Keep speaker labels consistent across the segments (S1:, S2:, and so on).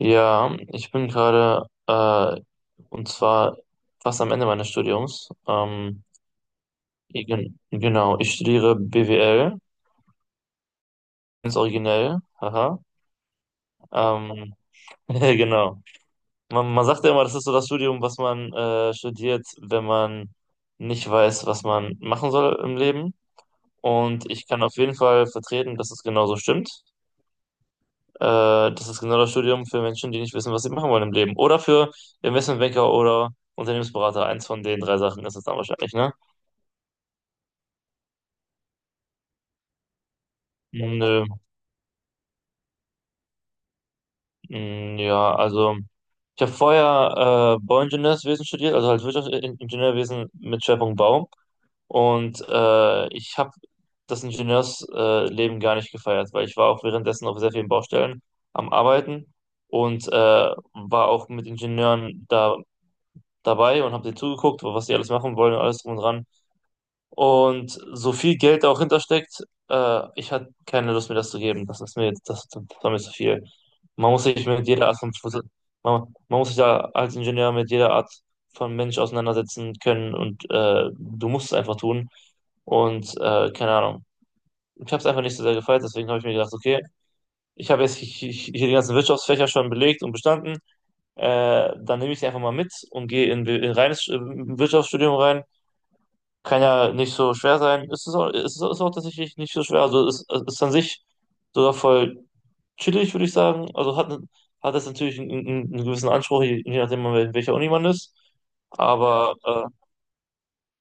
S1: Ja, ich bin gerade, und zwar fast am Ende meines Studiums. Genau, ich studiere BWL, ganz originell, haha. Ähm, genau. Man sagt ja immer, das ist so das Studium, was man studiert, wenn man nicht weiß, was man machen soll im Leben. Und ich kann auf jeden Fall vertreten, dass es genauso stimmt. Äh, Das ist genau das Studium für Menschen, die nicht wissen, was sie machen wollen im Leben. Oder für Investmentbanker oder Unternehmensberater. Eins von den drei Sachen ist es dann wahrscheinlich, ne? Nö. Mm, ja, also ich habe vorher Bauingenieurwesen studiert, also halt Wirtschaftsingenieurwesen mit Schwerpunkt Bau. Und ich habe das Ingenieursleben gar nicht gefeiert, weil ich war auch währenddessen auf sehr vielen Baustellen am Arbeiten, und war auch mit Ingenieuren da dabei und habe denen zugeguckt, was die alles machen wollen und alles drum und dran. Und so viel Geld da auch hintersteckt, ich hatte keine Lust mir das zu geben. Das war mir zu viel. Man muss sich mit jeder Art von, Schlüssel, man muss sich da als Ingenieur mit jeder Art von Mensch auseinandersetzen können und du musst es einfach tun. Und keine Ahnung. Ich habe es einfach nicht so sehr gefeiert, deswegen habe ich mir gedacht, okay, ich habe jetzt hier die ganzen Wirtschaftsfächer schon belegt und bestanden. Dann nehme ich sie einfach mal mit und gehe in reines Wirtschaftsstudium rein. Kann ja nicht so schwer sein. Ist auch tatsächlich nicht so schwer. Also es ist an sich sogar voll chillig, würde ich sagen. Hat es natürlich einen gewissen Anspruch, je nachdem, an wel- welcher Uni man ist. Aber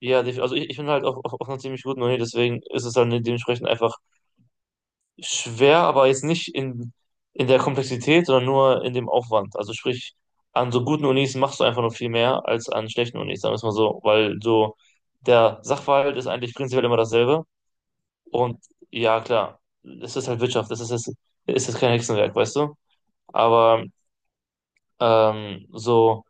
S1: ja, def- also ich bin halt auf einer ziemlich guten Uni, deswegen ist es dann dementsprechend einfach schwer, aber jetzt nicht in der Komplexität, sondern nur in dem Aufwand. Also sprich, an so guten Unis machst du einfach nur viel mehr als an schlechten Unis, sagen wir es mal so, weil so der Sachverhalt ist eigentlich prinzipiell immer dasselbe. Und ja, klar, es ist halt Wirtschaft, es ist jetzt kein Hexenwerk, weißt du? Aber so.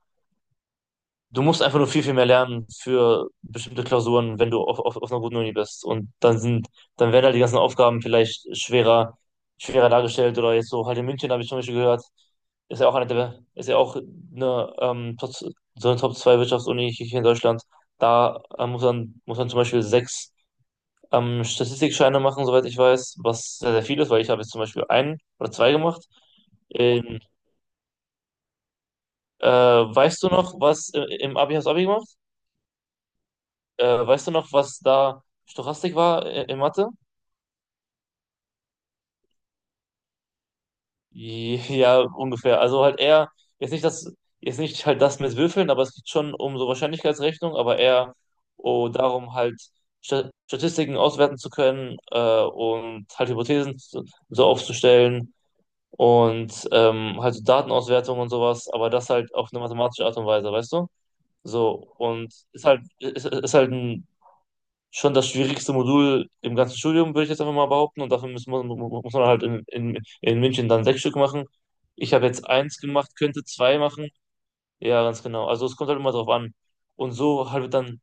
S1: Du musst einfach nur viel, viel mehr lernen für bestimmte Klausuren, wenn du auf einer guten Uni bist. Und dann sind, dann werden halt die ganzen Aufgaben vielleicht schwerer, schwerer dargestellt oder jetzt so halt in München habe ich zum Beispiel gehört, ist ja auch eine, Top, so eine Top 2 Wirtschaftsuni hier in Deutschland. Da muss man zum Beispiel sechs Statistikscheine machen, soweit ich weiß, was sehr, sehr viel ist, weil ich habe jetzt zum Beispiel einen oder zwei gemacht. Ähm, weißt du noch, was im Abi hast du Abi gemacht? Weißt du noch, was da Stochastik war in Mathe? Ja, ungefähr. Also halt eher, jetzt nicht das, jetzt nicht halt das mit Würfeln, aber es geht schon um so Wahrscheinlichkeitsrechnung, aber eher oh, darum halt Sta- Statistiken auswerten zu können und halt Hypothesen zu, so aufzustellen und halt so Datenauswertung und sowas, aber das halt auf eine mathematische Art und Weise, weißt du? So, und ist halt, ist halt ein schon das schwierigste Modul im ganzen Studium, würde ich jetzt einfach mal behaupten. Und dafür muss man halt in München dann sechs Stück machen. Ich habe jetzt eins gemacht, könnte zwei machen. Ja, ganz genau. Also es kommt halt immer drauf an. Und so halt dann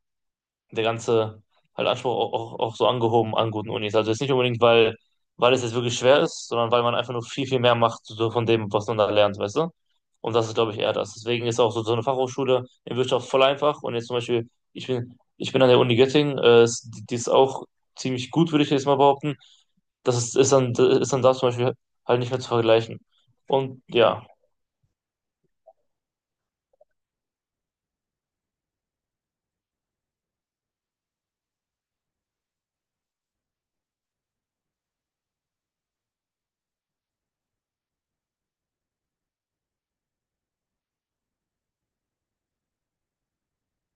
S1: der ganze halt Anspruch auch so angehoben an guten Unis. Also jetzt nicht unbedingt, weil es jetzt wirklich schwer ist, sondern weil man einfach nur viel, viel mehr macht so von dem, was man da lernt, weißt du? Und das ist, glaube ich, eher das. Deswegen ist auch so, so eine Fachhochschule in Wirtschaft voll einfach. Und jetzt zum Beispiel, ich bin an der Uni Göttingen, ist- die ist auch ziemlich gut, würde ich jetzt mal behaupten. Das ist, ist dann da zum Beispiel halt nicht mehr zu vergleichen. Und ja.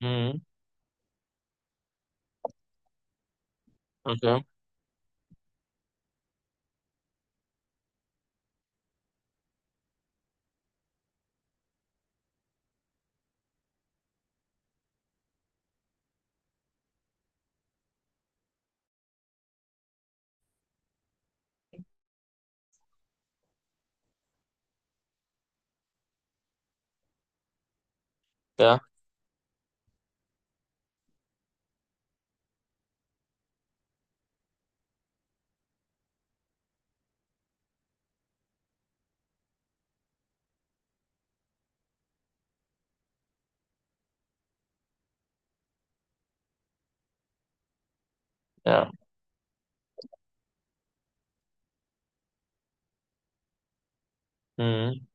S1: Mhm. Okay. Ja, ja. Mhm.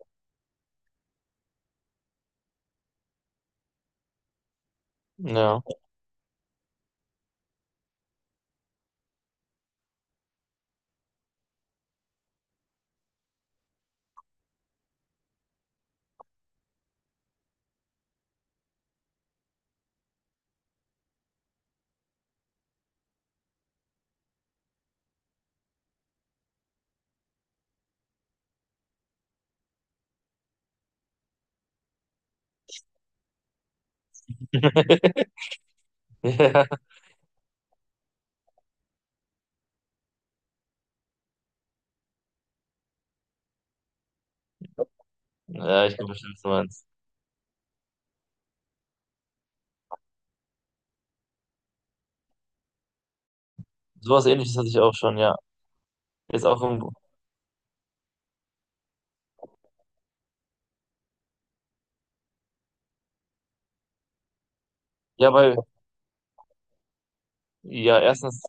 S1: Ja. Ja. Ja, ich kann verstehen, was du meinst. Sowas Ähnliches hatte ich auch schon, ja. Jetzt auch im, ja, weil, ja, erstens,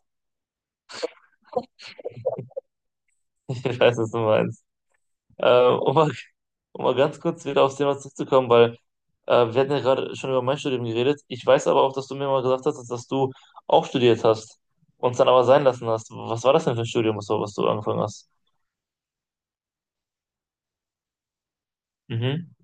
S1: ich weiß, was du meinst. Äh, um mal, um mal ganz kurz wieder aufs Thema zurückzukommen, weil wir hatten ja gerade schon über mein Studium geredet. Ich weiß aber auch, dass du mir mal gesagt hast, dass, du auch studiert hast und es dann aber sein lassen hast. Was war das denn für ein Studium, was du angefangen hast? Mhm.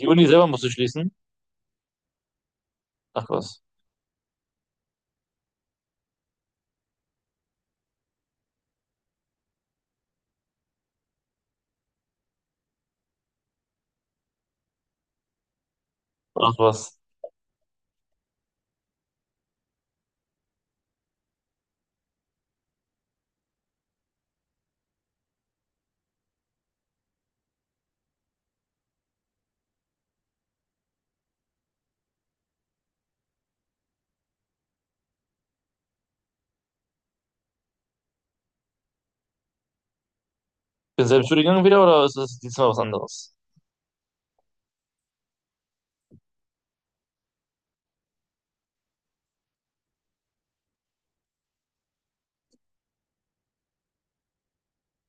S1: Die Uni selber musst du schließen? Ach was. Ach was. Bin selben Studiengang wieder oder ist das diesmal was anderes?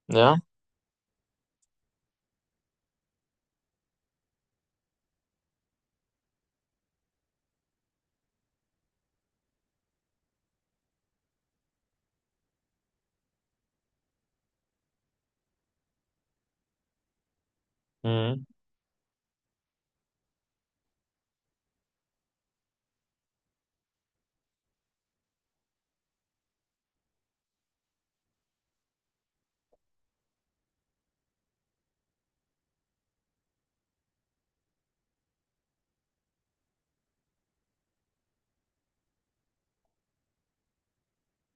S1: Ja? Mhm.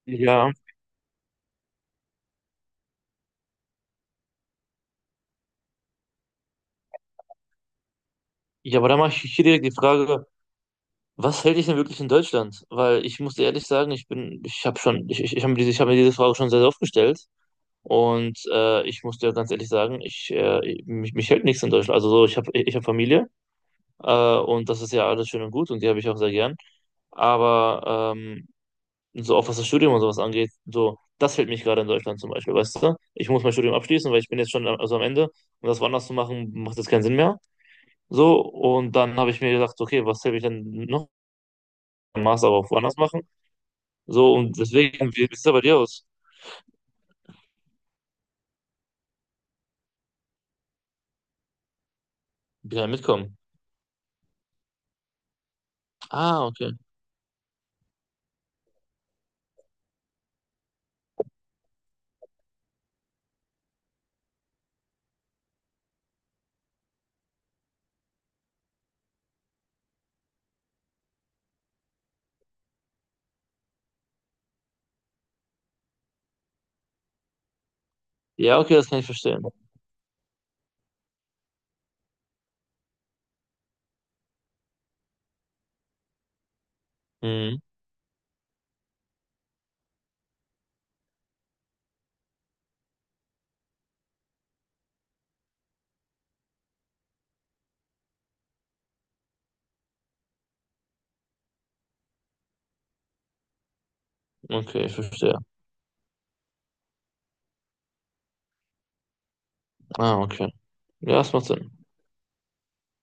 S1: Ja. Ja, aber da mache ich hier direkt die Frage, was hält dich denn wirklich in Deutschland? Weil ich muss dir ehrlich sagen, ich habe diese, ich hab mir diese Frage schon sehr, sehr oft gestellt. Und ich muss dir ganz ehrlich sagen, mich hält nichts in Deutschland. Also so, ich habe Familie und das ist ja alles schön und gut und die habe ich auch sehr gern. Aber so auch was das Studium und sowas angeht, so, das hält mich gerade in Deutschland zum Beispiel, weißt du? Ich muss mein Studium abschließen, weil ich bin jetzt schon am- also am Ende und das woanders zu machen, macht jetzt keinen Sinn mehr. So, und dann habe ich mir gedacht, okay, was hält mich denn noch? Master aber auch woanders machen. So, und deswegen, wie sieht es bei dir aus? Ja, mitkommen. Ah, okay. Ja, okay, das kann ich verstehen. Mhm, okay, ich verstehe. Ah, okay. Ja, das macht Sinn.